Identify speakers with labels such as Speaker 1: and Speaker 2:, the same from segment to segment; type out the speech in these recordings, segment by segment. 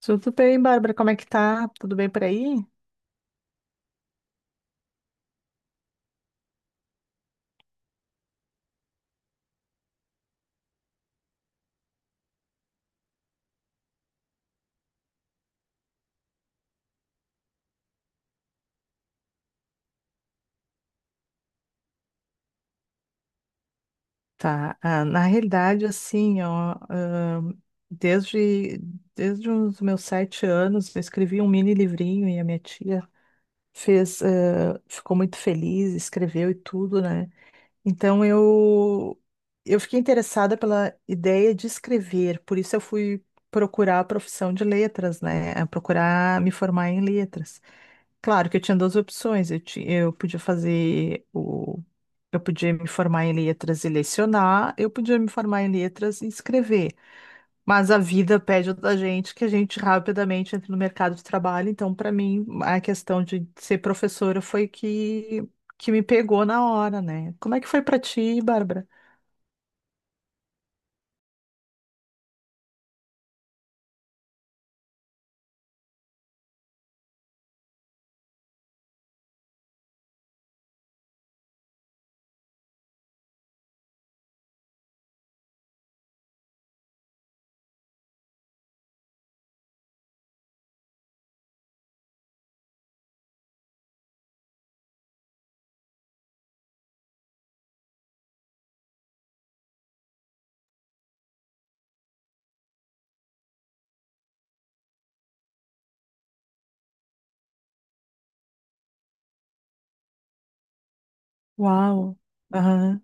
Speaker 1: Tudo bem, Bárbara? Como é que tá? Tudo bem por aí? Tá. Ah, na realidade, assim, ó, desde, desde os meus 7 anos, eu escrevi um mini livrinho e a minha tia fez, ficou muito feliz, escreveu e tudo, né? Então eu fiquei interessada pela ideia de escrever, por isso eu fui procurar a profissão de letras, né? a Procurar me formar em letras. Claro que eu tinha duas opções, eu, ti- eu podia fazer o Eu podia me formar em letras e lecionar, eu podia me formar em letras e escrever. Mas a vida pede da gente que a gente rapidamente entre no mercado de trabalho. Então, para mim, a questão de ser professora foi que me pegou na hora, né? Como é que foi para ti, Bárbara? Uau! Aham.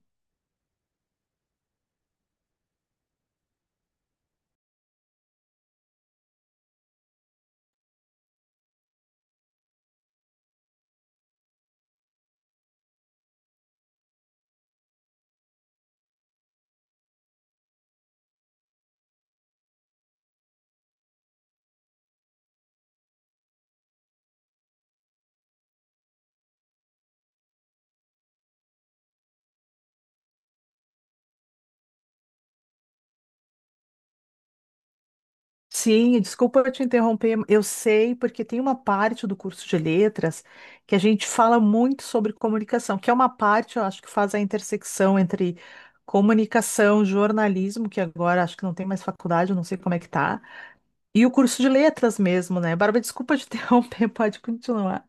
Speaker 1: Sim, desculpa eu te interromper. Eu sei, porque tem uma parte do curso de letras que a gente fala muito sobre comunicação, que é uma parte, eu acho, que faz a intersecção entre comunicação, jornalismo, que agora acho que não tem mais faculdade, eu não sei como é que tá, e o curso de letras mesmo, né? Bárbara, desculpa te interromper, pode continuar.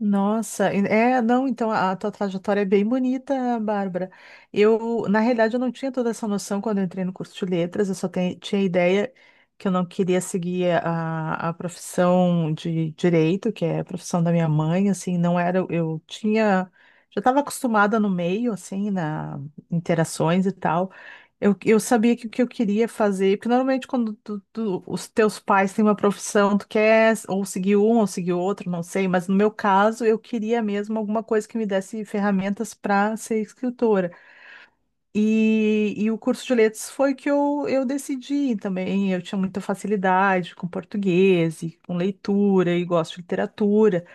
Speaker 1: Nossa, é, não, então a tua trajetória é bem bonita, Bárbara. Eu, na realidade, eu não tinha toda essa noção quando eu entrei no curso de letras, eu só tinha ideia que eu não queria seguir a profissão de direito, que é a profissão da minha mãe, assim, não era, eu tinha, já estava acostumada no meio, assim, na interações e tal. Eu sabia que o que eu queria fazer, porque normalmente quando os teus pais têm uma profissão, tu quer ou seguir um ou seguir outro, não sei, mas no meu caso eu queria mesmo alguma coisa que me desse ferramentas para ser escritora. E o curso de letras foi o que eu decidi também. Eu tinha muita facilidade com português e com leitura e gosto de literatura.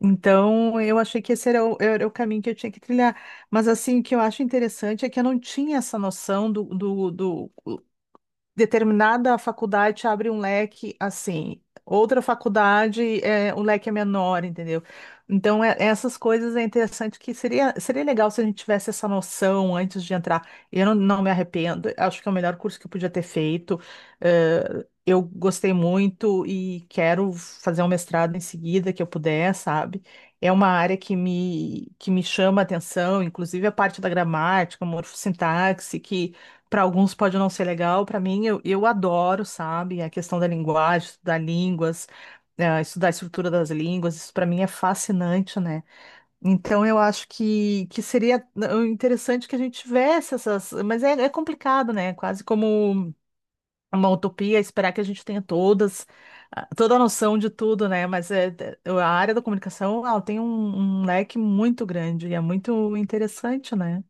Speaker 1: Então eu achei que esse era o caminho que eu tinha que trilhar. Mas assim, o que eu acho interessante é que eu não tinha essa noção do determinada faculdade te abre um leque assim, outra faculdade é, o leque é menor, entendeu? Então, essas coisas é interessante que seria legal se a gente tivesse essa noção antes de entrar. Eu não, não me arrependo, acho que é o melhor curso que eu podia ter feito. Eu gostei muito e quero fazer um mestrado em seguida que eu puder, sabe? É uma área que que me chama a atenção, inclusive a parte da gramática, morfossintaxe, que para alguns pode não ser legal, para mim eu adoro, sabe? A questão da linguagem, estudar línguas, estudar a estrutura das línguas, isso para mim é fascinante, né? Então eu acho que seria interessante que a gente tivesse essas, mas é complicado, né? Quase como uma utopia esperar que a gente tenha todas, ah, toda a noção de tudo, né? Mas a área da comunicação, ela tem um leque muito grande e é muito interessante, né?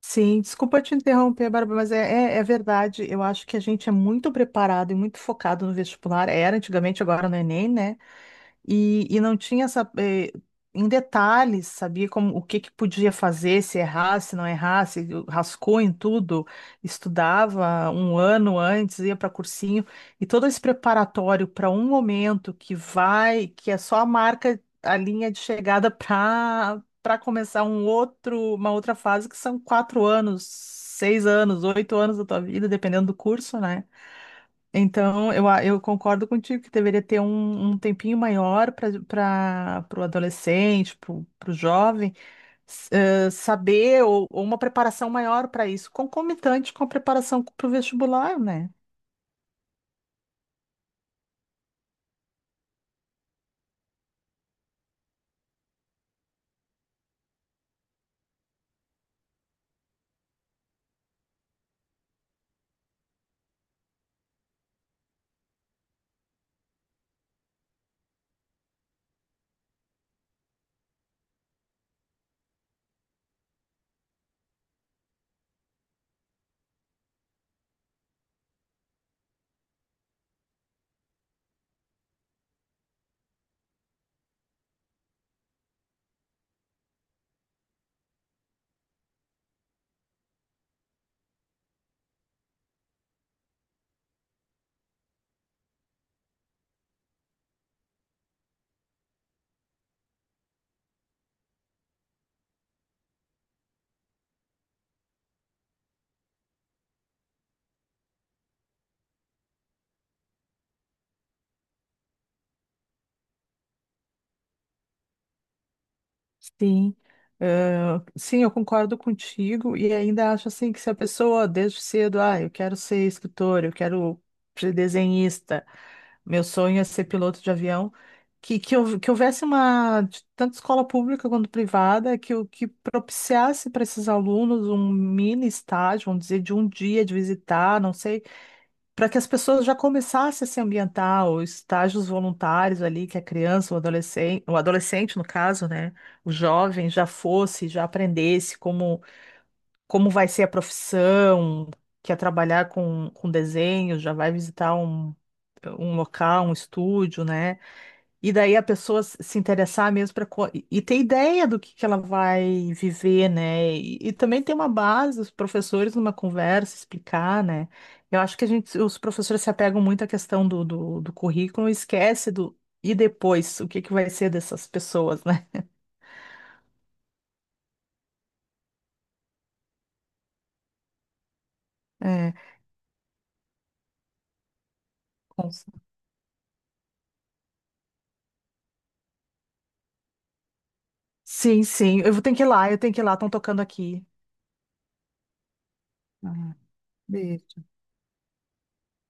Speaker 1: Sim, desculpa te interromper, Bárbara, mas é verdade. Eu acho que a gente é muito preparado e muito focado no vestibular. Era antigamente, agora no Enem, né? E não tinha essa, em detalhes, sabia como o que que podia fazer, se errasse, se não errasse, rascou em tudo, estudava um ano antes, ia para cursinho, e todo esse preparatório para um momento que vai, que é só a marca, a linha de chegada para começar um outro, uma outra fase, que são 4 anos, 6 anos, 8 anos da tua vida, dependendo do curso, né? Então, eu concordo contigo que deveria ter um tempinho maior para o adolescente, para o jovem, saber ou uma preparação maior para isso, concomitante com a preparação para o vestibular, né? Sim, eh, sim, eu concordo contigo e ainda acho assim que se a pessoa desde cedo, ah, eu quero ser escritor, eu quero ser desenhista, meu sonho é ser piloto de avião, que houvesse uma, de tanto escola pública quanto privada, que propiciasse para esses alunos um mini estágio, vamos dizer, de um dia de visitar, não sei para que as pessoas já começassem a se ambientar, os estágios voluntários ali, que a criança, o adolescente no caso, né, o jovem já fosse, já aprendesse como, vai ser a profissão, quer trabalhar com desenho, já vai visitar um local, um estúdio, né? E daí a pessoa se interessar mesmo para e ter ideia do que ela vai viver, né? E também ter uma base, os professores numa conversa, explicar, né? Eu acho que a gente, os professores se apegam muito à questão do currículo e esquece do e depois, o que que vai ser dessas pessoas, né? É, com- sim, sim, eu vou ter que ir lá, eu tenho que ir lá, estão tocando aqui. Ah, beijo.